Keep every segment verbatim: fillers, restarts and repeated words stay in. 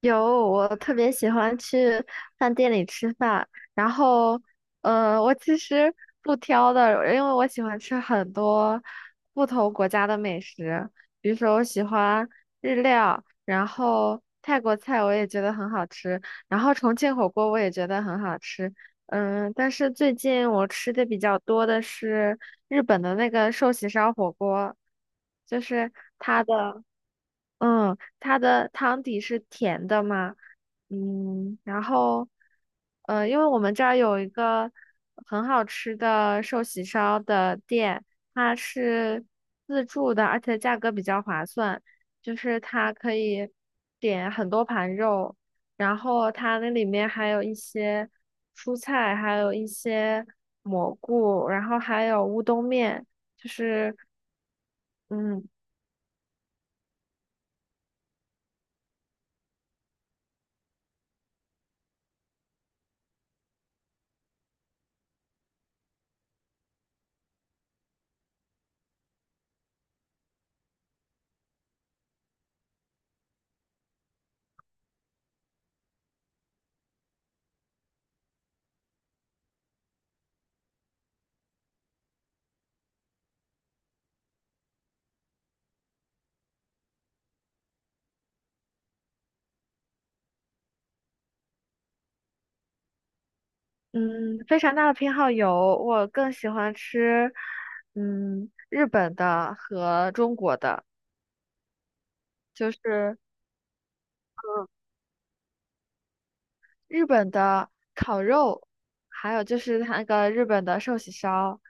有，我特别喜欢去饭店里吃饭。然后，呃，我其实不挑的，因为我喜欢吃很多不同国家的美食。比如说我喜欢日料，然后泰国菜我也觉得很好吃，然后重庆火锅我也觉得很好吃。嗯，但是最近我吃的比较多的是日本的那个寿喜烧火锅，就是它的。嗯，它的汤底是甜的嘛。嗯，然后，呃，因为我们这儿有一个很好吃的寿喜烧的店，它是自助的，而且价格比较划算，就是它可以点很多盘肉，然后它那里面还有一些蔬菜，还有一些蘑菇，然后还有乌冬面，就是。嗯，嗯，非常大的偏好有，我更喜欢吃，嗯，日本的和中国的。就是日本的烤肉，还有就是它那个日本的寿喜烧。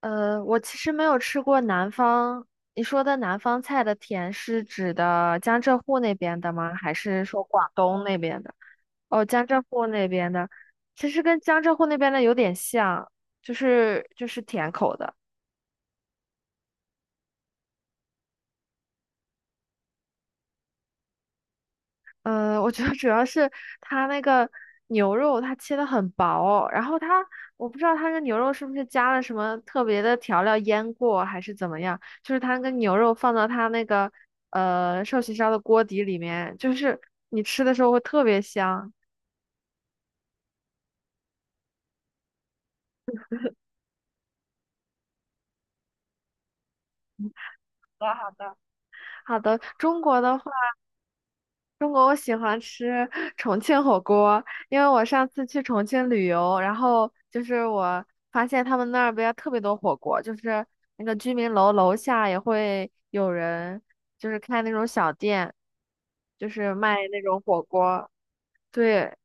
呃，我其实没有吃过南方，你说的南方菜的甜是指的江浙沪那边的吗？还是说广东那边的？哦，江浙沪那边的，其实跟江浙沪那边的有点像，就是就是甜口的。嗯呃我觉得主要是它那个牛肉它切的很薄，然后它我不知道它那个牛肉是不是加了什么特别的调料腌过还是怎么样，就是它那个牛肉放到它那个呃寿喜烧的锅底里面，就是你吃的时候会特别香。好的，好的，好的，中国的话。中国我喜欢吃 重庆火锅，因为我上次去重庆旅游，然后就是我发现他们那儿边特别多火锅，就是那个居民楼楼下也会有人就是开那种小店，就是卖那种火锅。对，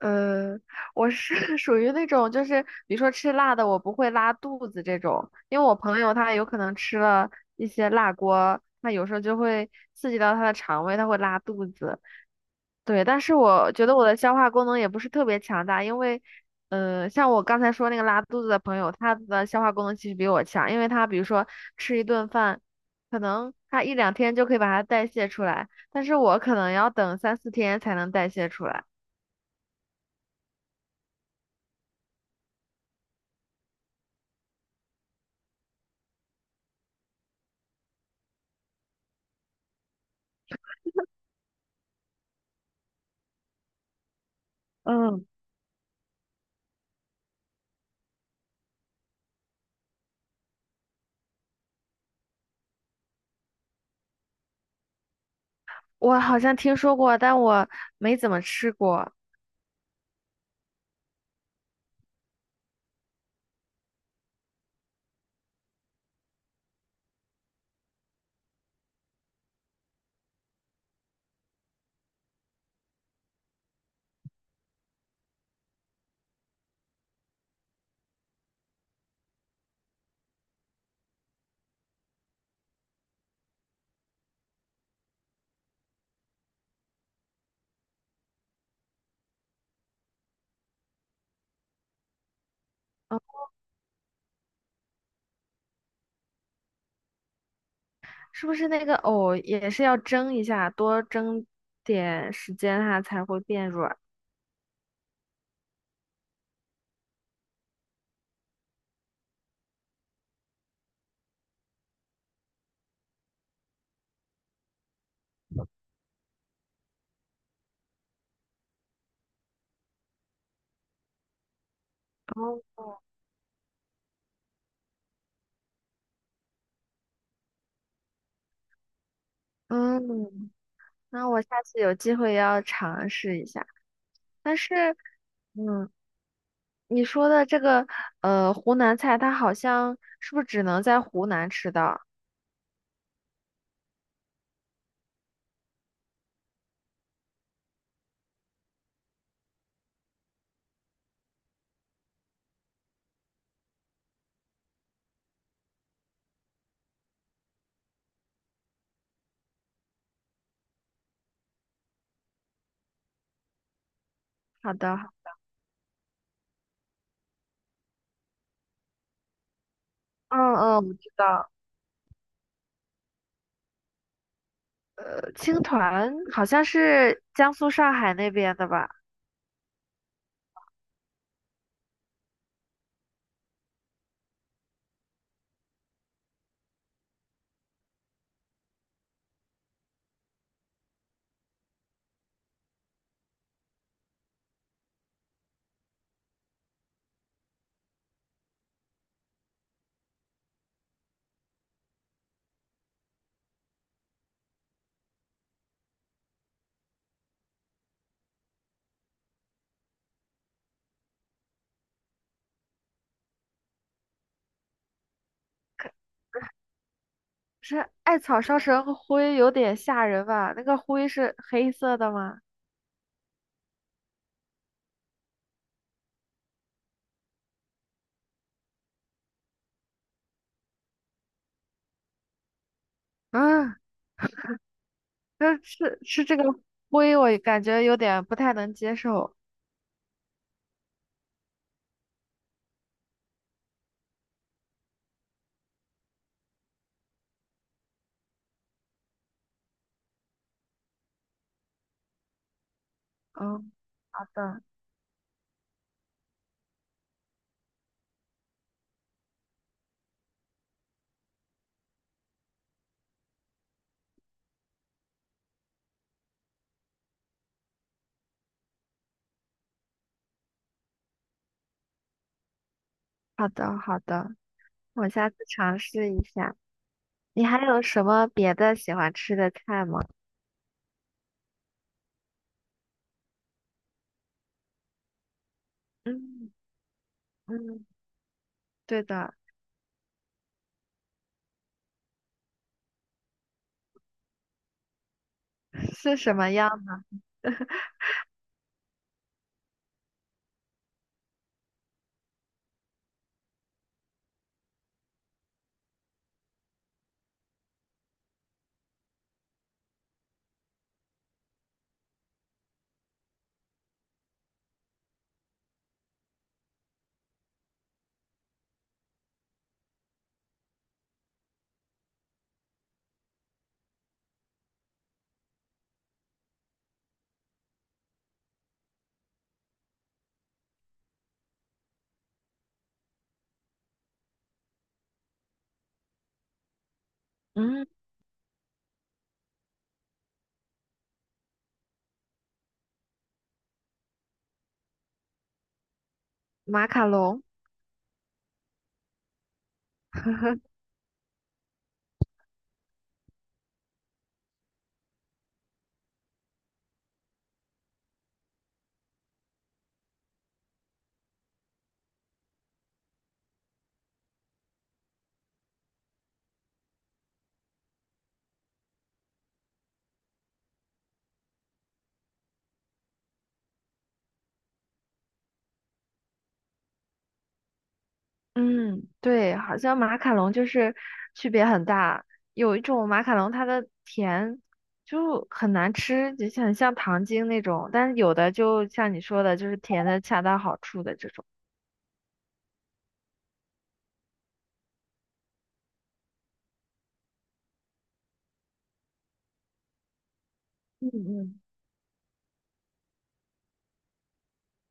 呃，我是 属于那种，就是比如说吃辣的，我不会拉肚子这种，因为我朋友他有可能吃了一些辣锅，他有时候就会刺激到他的肠胃，他会拉肚子。对，但是我觉得我的消化功能也不是特别强大，因为，呃，像我刚才说那个拉肚子的朋友，他的消化功能其实比我强，因为他比如说吃一顿饭，可能他一两天就可以把它代谢出来，但是我可能要等三四天才能代谢出来。嗯，我好像听说过，但我没怎么吃过。嗯，是不是那个藕也是要蒸一下，多蒸点时间它才会变软？哦嗯，那我下次有机会要尝试一下。但是，嗯，你说的这个呃湖南菜，它好像是不是只能在湖南吃到？好的，嗯嗯，我知道，呃青团好像是江苏上海那边的吧？是艾草烧成灰有点吓人吧？那个灰是黑色的吗？啊，那是吃这个灰，我感觉有点不太能接受。嗯，好的，好的，好的，我下次尝试一下。你还有什么别的喜欢吃的菜吗？嗯嗯，对的，是什么样？嗯，马卡龙。嗯，对，好像马卡龙就是区别很大。有一种马卡龙，它的甜就很难吃，就像很像糖精那种；但是有的就像你说的，就是甜的恰到好处的这种。嗯嗯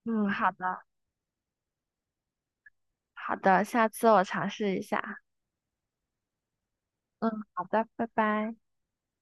嗯，好的，好的，下次我尝试一下。嗯，好的，拜拜。